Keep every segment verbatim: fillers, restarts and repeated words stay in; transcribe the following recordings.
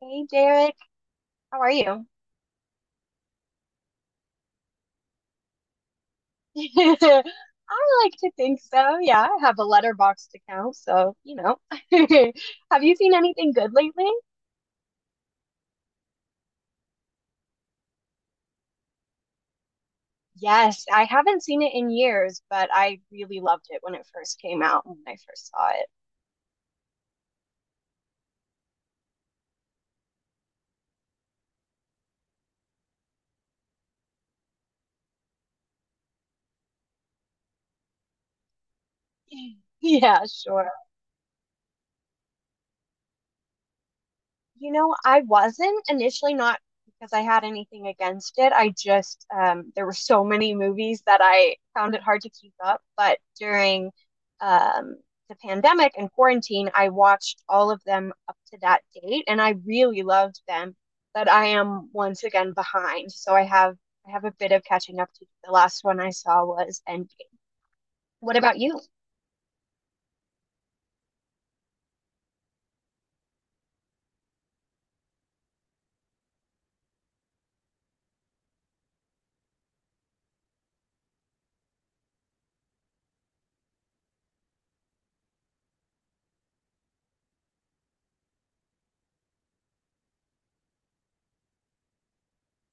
Hey Derek, how are you? I like to think so. Yeah, I have a letterboxed account, so you know. Have you seen anything good lately? Yes, I haven't seen it in years, but I really loved it when it first came out, when I first saw it. Yeah, sure. You know, I wasn't initially not because I had anything against it. I just um, there were so many movies that I found it hard to keep up. But during um, the pandemic and quarantine, I watched all of them up to that date, and I really loved them. But I am once again behind, so I have I have a bit of catching up to do. The last one I saw was Endgame. What about you?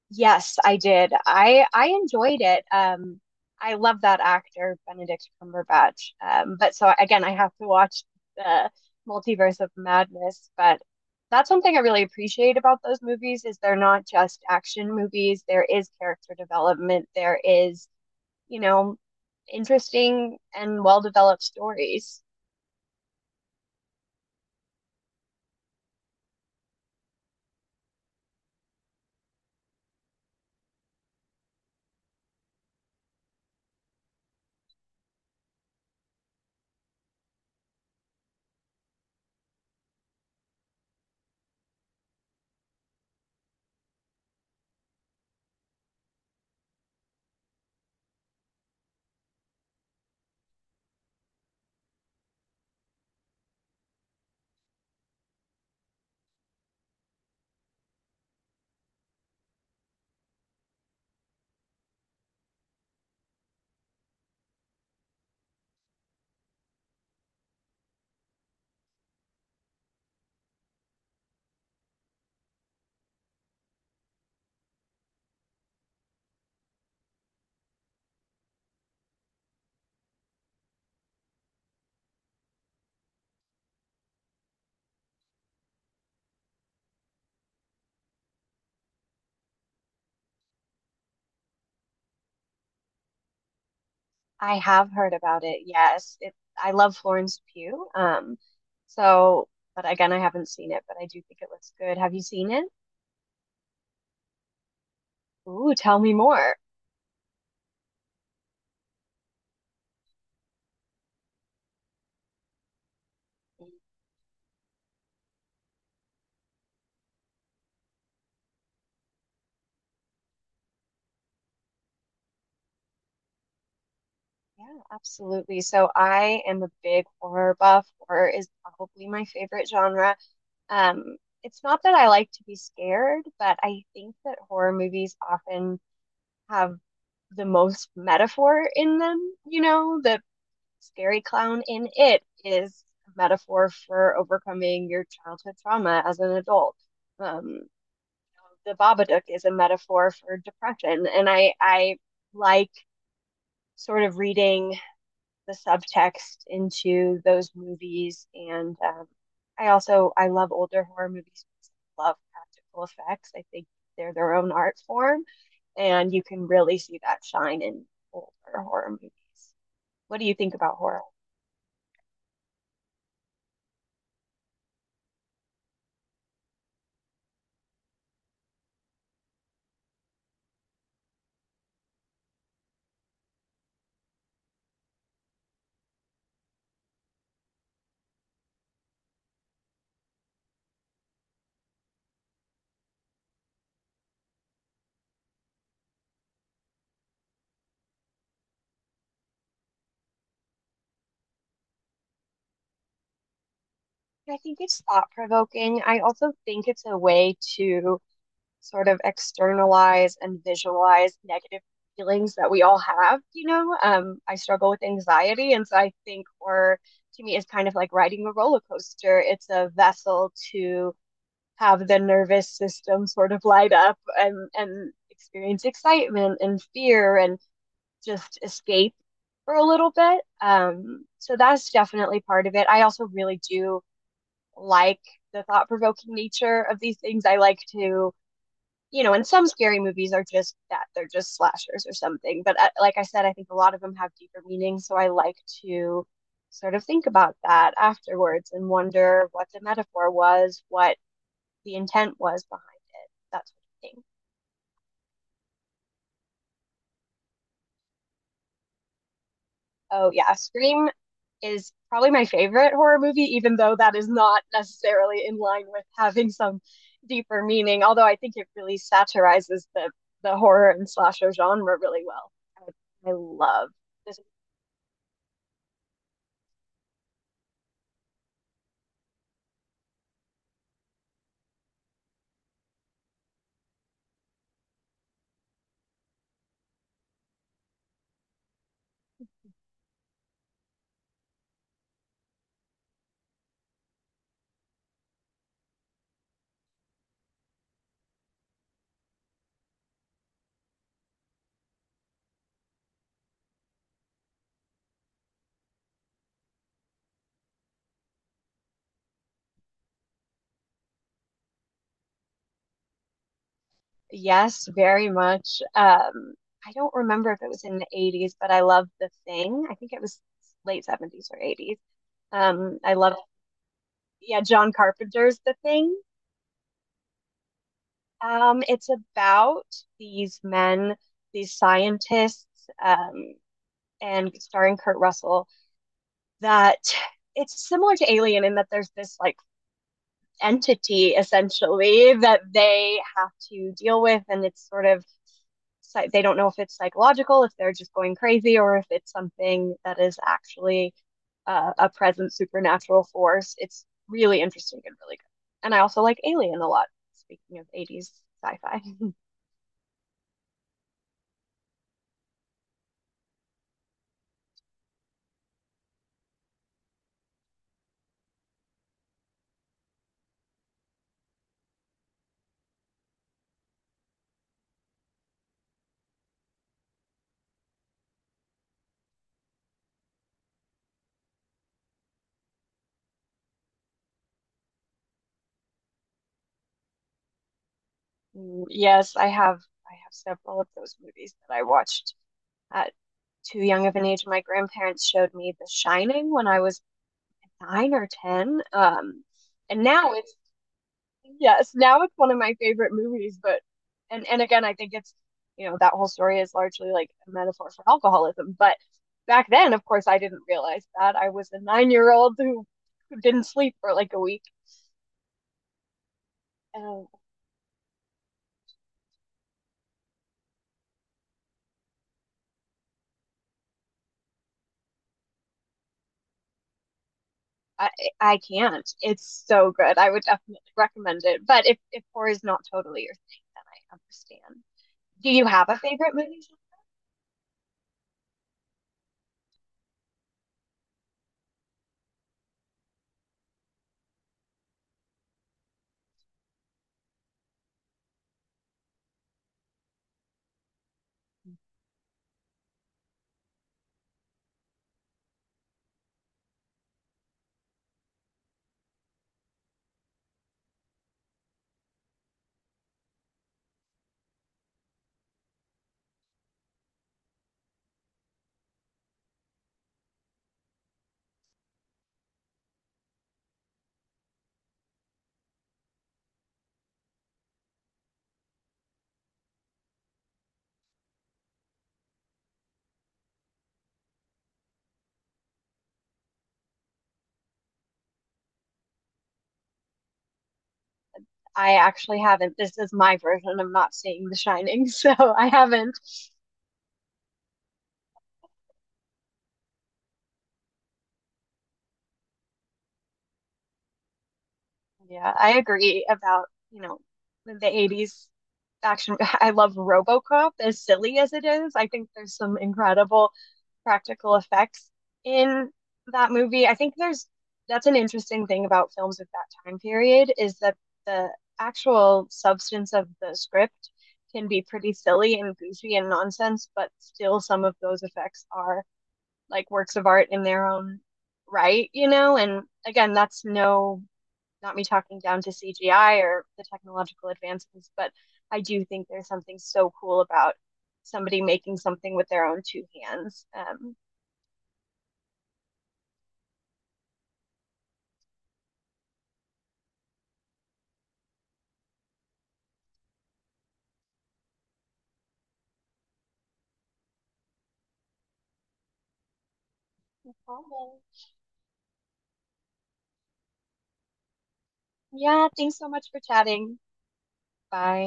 Yes, I did. I I enjoyed it. Um, I love that actor, Benedict Cumberbatch. Um, but so again, I have to watch the Multiverse of Madness. But that's one thing I really appreciate about those movies is they're not just action movies. There is character development. There is, you know, interesting and well-developed stories. I have heard about it. Yes, it, I love Florence Pugh. Um, so, but again, I haven't seen it, but I do think it looks good. Have you seen it? Ooh, tell me more. Yeah, absolutely. So I am a big horror buff. Horror is probably my favorite genre. Um, it's not that I like to be scared, but I think that horror movies often have the most metaphor in them, you know, that scary clown in it is a metaphor for overcoming your childhood trauma as an adult. Um, the Babadook is a metaphor for depression, and I I like sort of reading the subtext into those movies, and um, I also I love older horror movies. I love practical effects. I think they're their own art form, and you can really see that shine in older horror movies. What do you think about horror? I think it's thought provoking. I also think it's a way to sort of externalize and visualize negative feelings that we all have, you know? Um, I struggle with anxiety, and so I think horror to me is kind of like riding a roller coaster. It's a vessel to have the nervous system sort of light up and and experience excitement and fear and just escape for a little bit. Um, so that's definitely part of it. I also really do like the thought-provoking nature of these things. I like to, you know, and some scary movies are just that, they're just slashers or something. But uh, like I said, I think a lot of them have deeper meaning, so I like to sort of think about that afterwards and wonder what the metaphor was, what the intent was behind it, that sort of thing. Oh yeah, Scream is probably my favorite horror movie, even though that is not necessarily in line with having some deeper meaning, although I think it really satirizes the the horror and slasher genre really well. I, I love this. Yes, very much. Um, I don't remember if it was in the eighties, but I love The Thing. I think it was late seventies or eighties. Um, I love, yeah, John Carpenter's The Thing. Um, it's about these men, these scientists, um, and starring Kurt Russell, that it's similar to Alien in that there's this like entity essentially that they have to deal with, and it's sort of they don't know if it's psychological, if they're just going crazy, or if it's something that is actually uh, a present supernatural force. It's really interesting and really good. And I also like Alien a lot, speaking of eighties sci-fi. Mm, yes, I have. I have several of those movies that I watched at too young of an age. My grandparents showed me The Shining when I was nine or ten. Um, and now it's yes, now it's one of my favorite movies. But and and again, I think it's you know that whole story is largely like a metaphor for alcoholism. But back then, of course, I didn't realize that I was a nine year old who who didn't sleep for like a week. I, I can't. It's so good. I would definitely recommend it. But if if horror is not totally your thing, then I understand. Do you have a favorite movie? I actually haven't. This is my version of not seeing The Shining, so I haven't. Yeah, I agree about, you know, the eighties action. I love RoboCop as silly as it is. I think there's some incredible practical effects in that movie. I think there's that's an interesting thing about films of that time period is that the actual substance of the script can be pretty silly and goofy and nonsense, but still some of those effects are like works of art in their own right, you know? And again, that's no not me talking down to C G I or the technological advancements, but I do think there's something so cool about somebody making something with their own two hands um, All right. Yeah, thanks so much for chatting. Bye.